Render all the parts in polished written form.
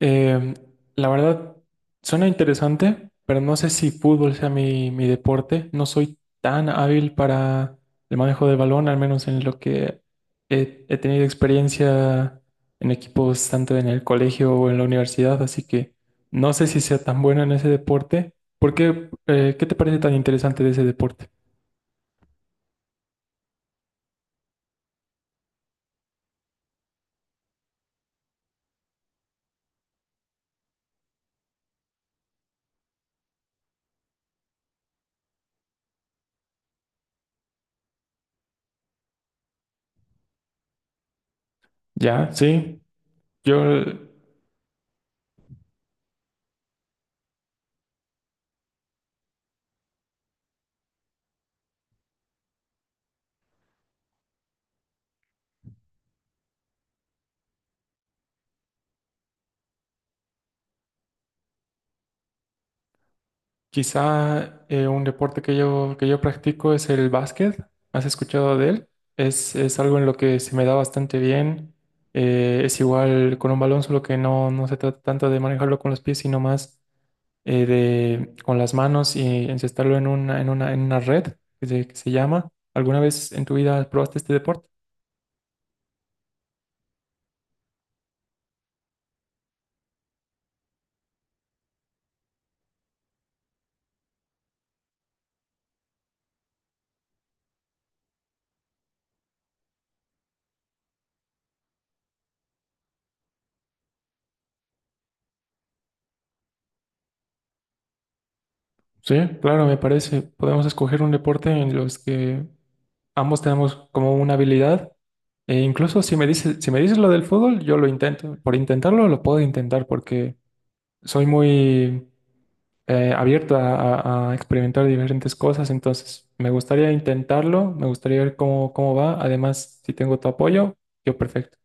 Eh, la verdad, suena interesante, pero no sé si fútbol sea mi deporte. No soy tan hábil para el manejo del balón, al menos en lo que he tenido experiencia en equipos tanto en el colegio o en la universidad, así que no sé si sea tan bueno en ese deporte. ¿Por qué, qué te parece tan interesante de ese deporte? Ya, sí, yo... Quizá un deporte que yo practico es el básquet. ¿Has escuchado de él? Es algo en lo que se me da bastante bien. Es igual con un balón, solo que no se trata tanto de manejarlo con los pies, sino más con las manos y encestarlo en una red que se llama. ¿Alguna vez en tu vida probaste este deporte? Sí, claro, me parece. Podemos escoger un deporte en los que ambos tenemos como una habilidad. E incluso si me dices lo del fútbol, yo lo intento. Por intentarlo, lo puedo intentar porque soy muy abierto a, a experimentar diferentes cosas. Entonces, me gustaría intentarlo, me gustaría ver cómo va. Además, si tengo tu apoyo, yo perfecto.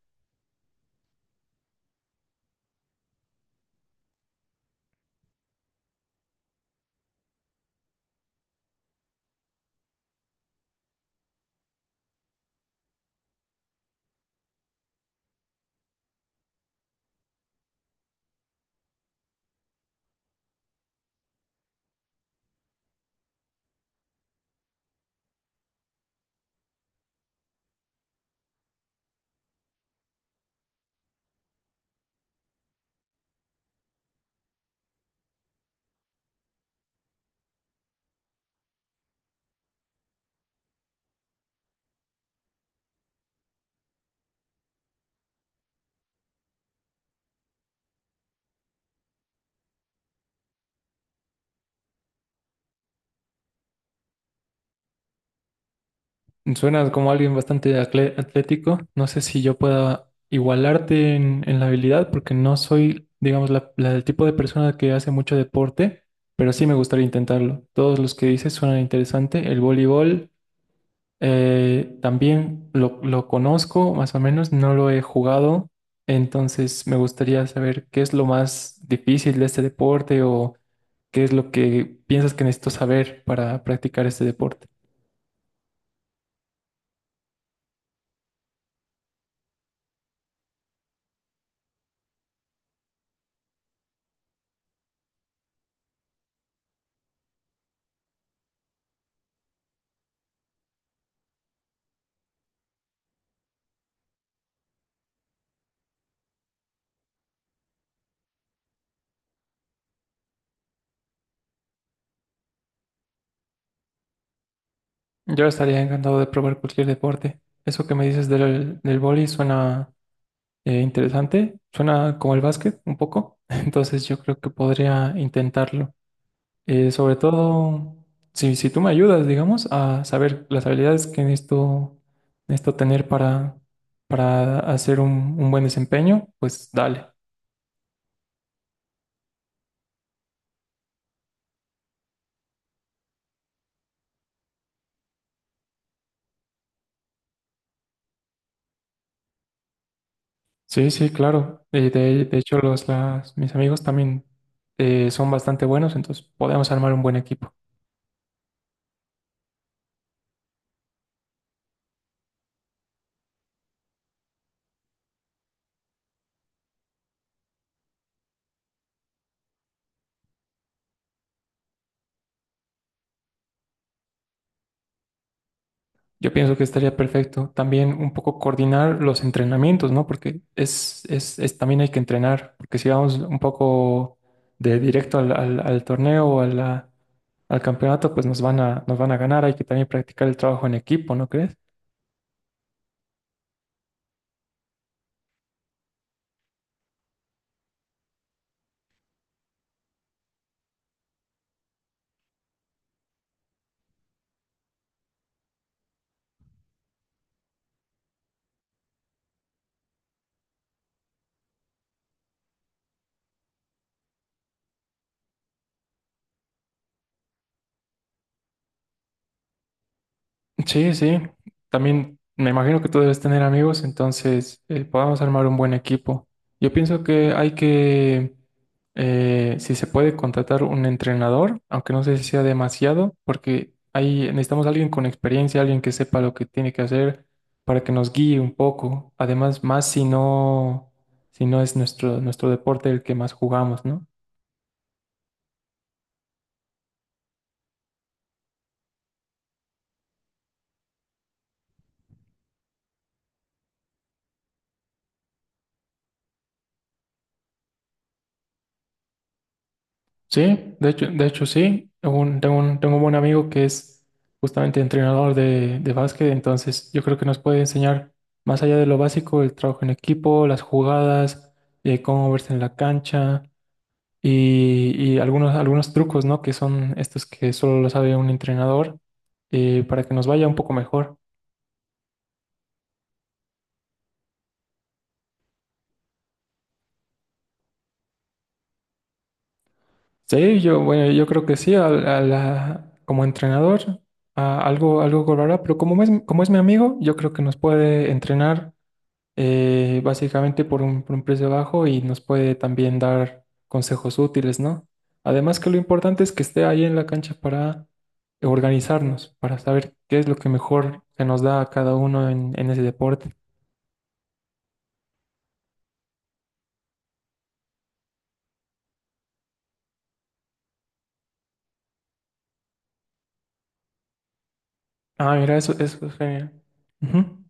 Suenas como alguien bastante atlético. No sé si yo pueda igualarte en la habilidad porque no soy, digamos, la del tipo de persona que hace mucho deporte, pero sí me gustaría intentarlo. Todos los que dices suenan interesante. El voleibol. También lo conozco, más o menos, no lo he jugado, entonces me gustaría saber qué es lo más difícil de este deporte o qué es lo que piensas que necesito saber para practicar este deporte. Yo estaría encantado de probar cualquier deporte. Eso que me dices del vóley suena interesante, suena como el básquet un poco, entonces yo creo que podría intentarlo. Sobre todo, si tú me ayudas, digamos, a saber las habilidades que necesito, necesito tener para hacer un buen desempeño, pues dale. Sí, sí, claro. De hecho, mis amigos también son bastante buenos, entonces podemos armar un buen equipo. Yo pienso que estaría perfecto. También un poco coordinar los entrenamientos, ¿no? Porque también hay que entrenar, porque si vamos un poco de directo al torneo o a al campeonato, pues nos van a ganar. Hay que también practicar el trabajo en equipo, ¿no crees? Sí, sí. También me imagino que tú debes tener amigos, entonces podamos armar un buen equipo. Yo pienso si se puede, contratar un entrenador, aunque no sé si sea demasiado, porque ahí necesitamos alguien con experiencia, alguien que sepa lo que tiene que hacer para que nos guíe un poco. Además, más si no, si no es nuestro deporte el que más jugamos, ¿no? Sí, de hecho sí. Tengo tengo un buen amigo que es justamente entrenador de básquet, entonces yo creo que nos puede enseñar más allá de lo básico, el trabajo en equipo, las jugadas, cómo verse en la cancha y algunos trucos, ¿no? Que son estos que solo lo sabe un entrenador para que nos vaya un poco mejor. Sí, yo, bueno, yo creo que sí, como entrenador algo cobrará, pero como es mi amigo, yo creo que nos puede entrenar básicamente por un precio bajo y nos puede también dar consejos útiles, ¿no? Además que lo importante es que esté ahí en la cancha para organizarnos, para saber qué es lo que mejor se nos da a cada uno en ese deporte. Ah, mira, eso es genial. Ujú.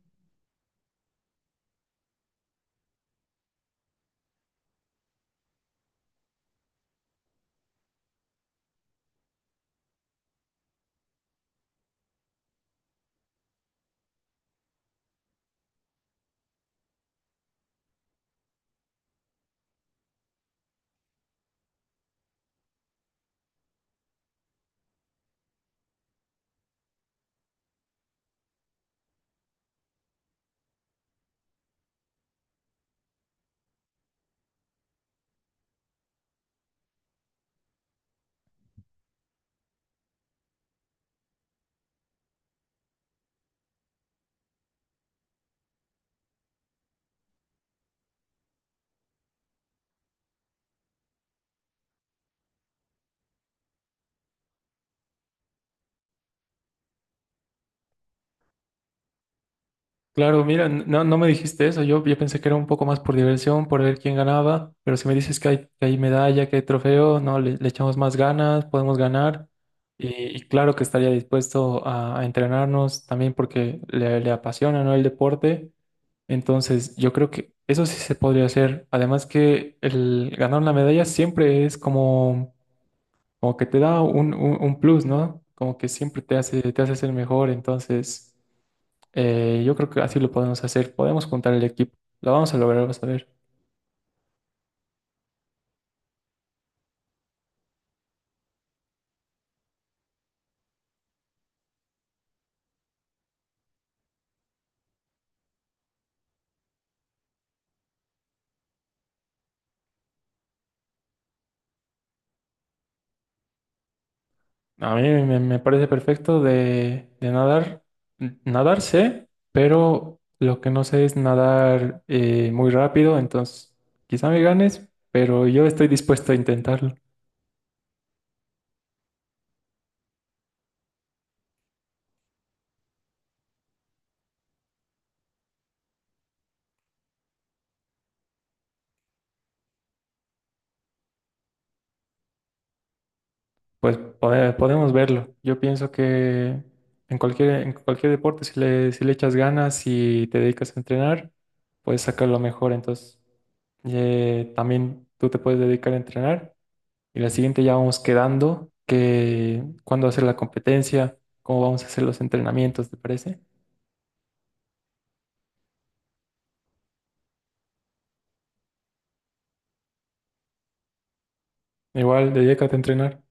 Claro, mira, no me dijiste eso. Yo pensé que era un poco más por diversión, por ver quién ganaba. Pero si me dices que hay medalla, que hay trofeo, no, le echamos más ganas, podemos ganar. Y, y claro que estaría dispuesto a entrenarnos también porque le apasiona, ¿no?, el deporte. Entonces, yo creo que eso sí se podría hacer. Además que el ganar una medalla siempre es como, como que te da un plus, ¿no? Como que siempre te hace ser mejor. Entonces... yo creo que así lo podemos hacer. Podemos juntar el equipo. Lo vamos a lograr, vas a ver. A mí me parece perfecto de nadar. Nadar sé, pero lo que no sé es nadar muy rápido. Entonces, quizá me ganes, pero yo estoy dispuesto a intentarlo. Pues podemos verlo. Yo pienso que en en cualquier deporte, si le echas ganas y te dedicas a entrenar, puedes sacar lo mejor. Entonces, también tú te puedes dedicar a entrenar. Y la siguiente ya vamos quedando, que cuándo hacer la competencia, cómo vamos a hacer los entrenamientos, ¿te parece? Igual, dedícate a entrenar.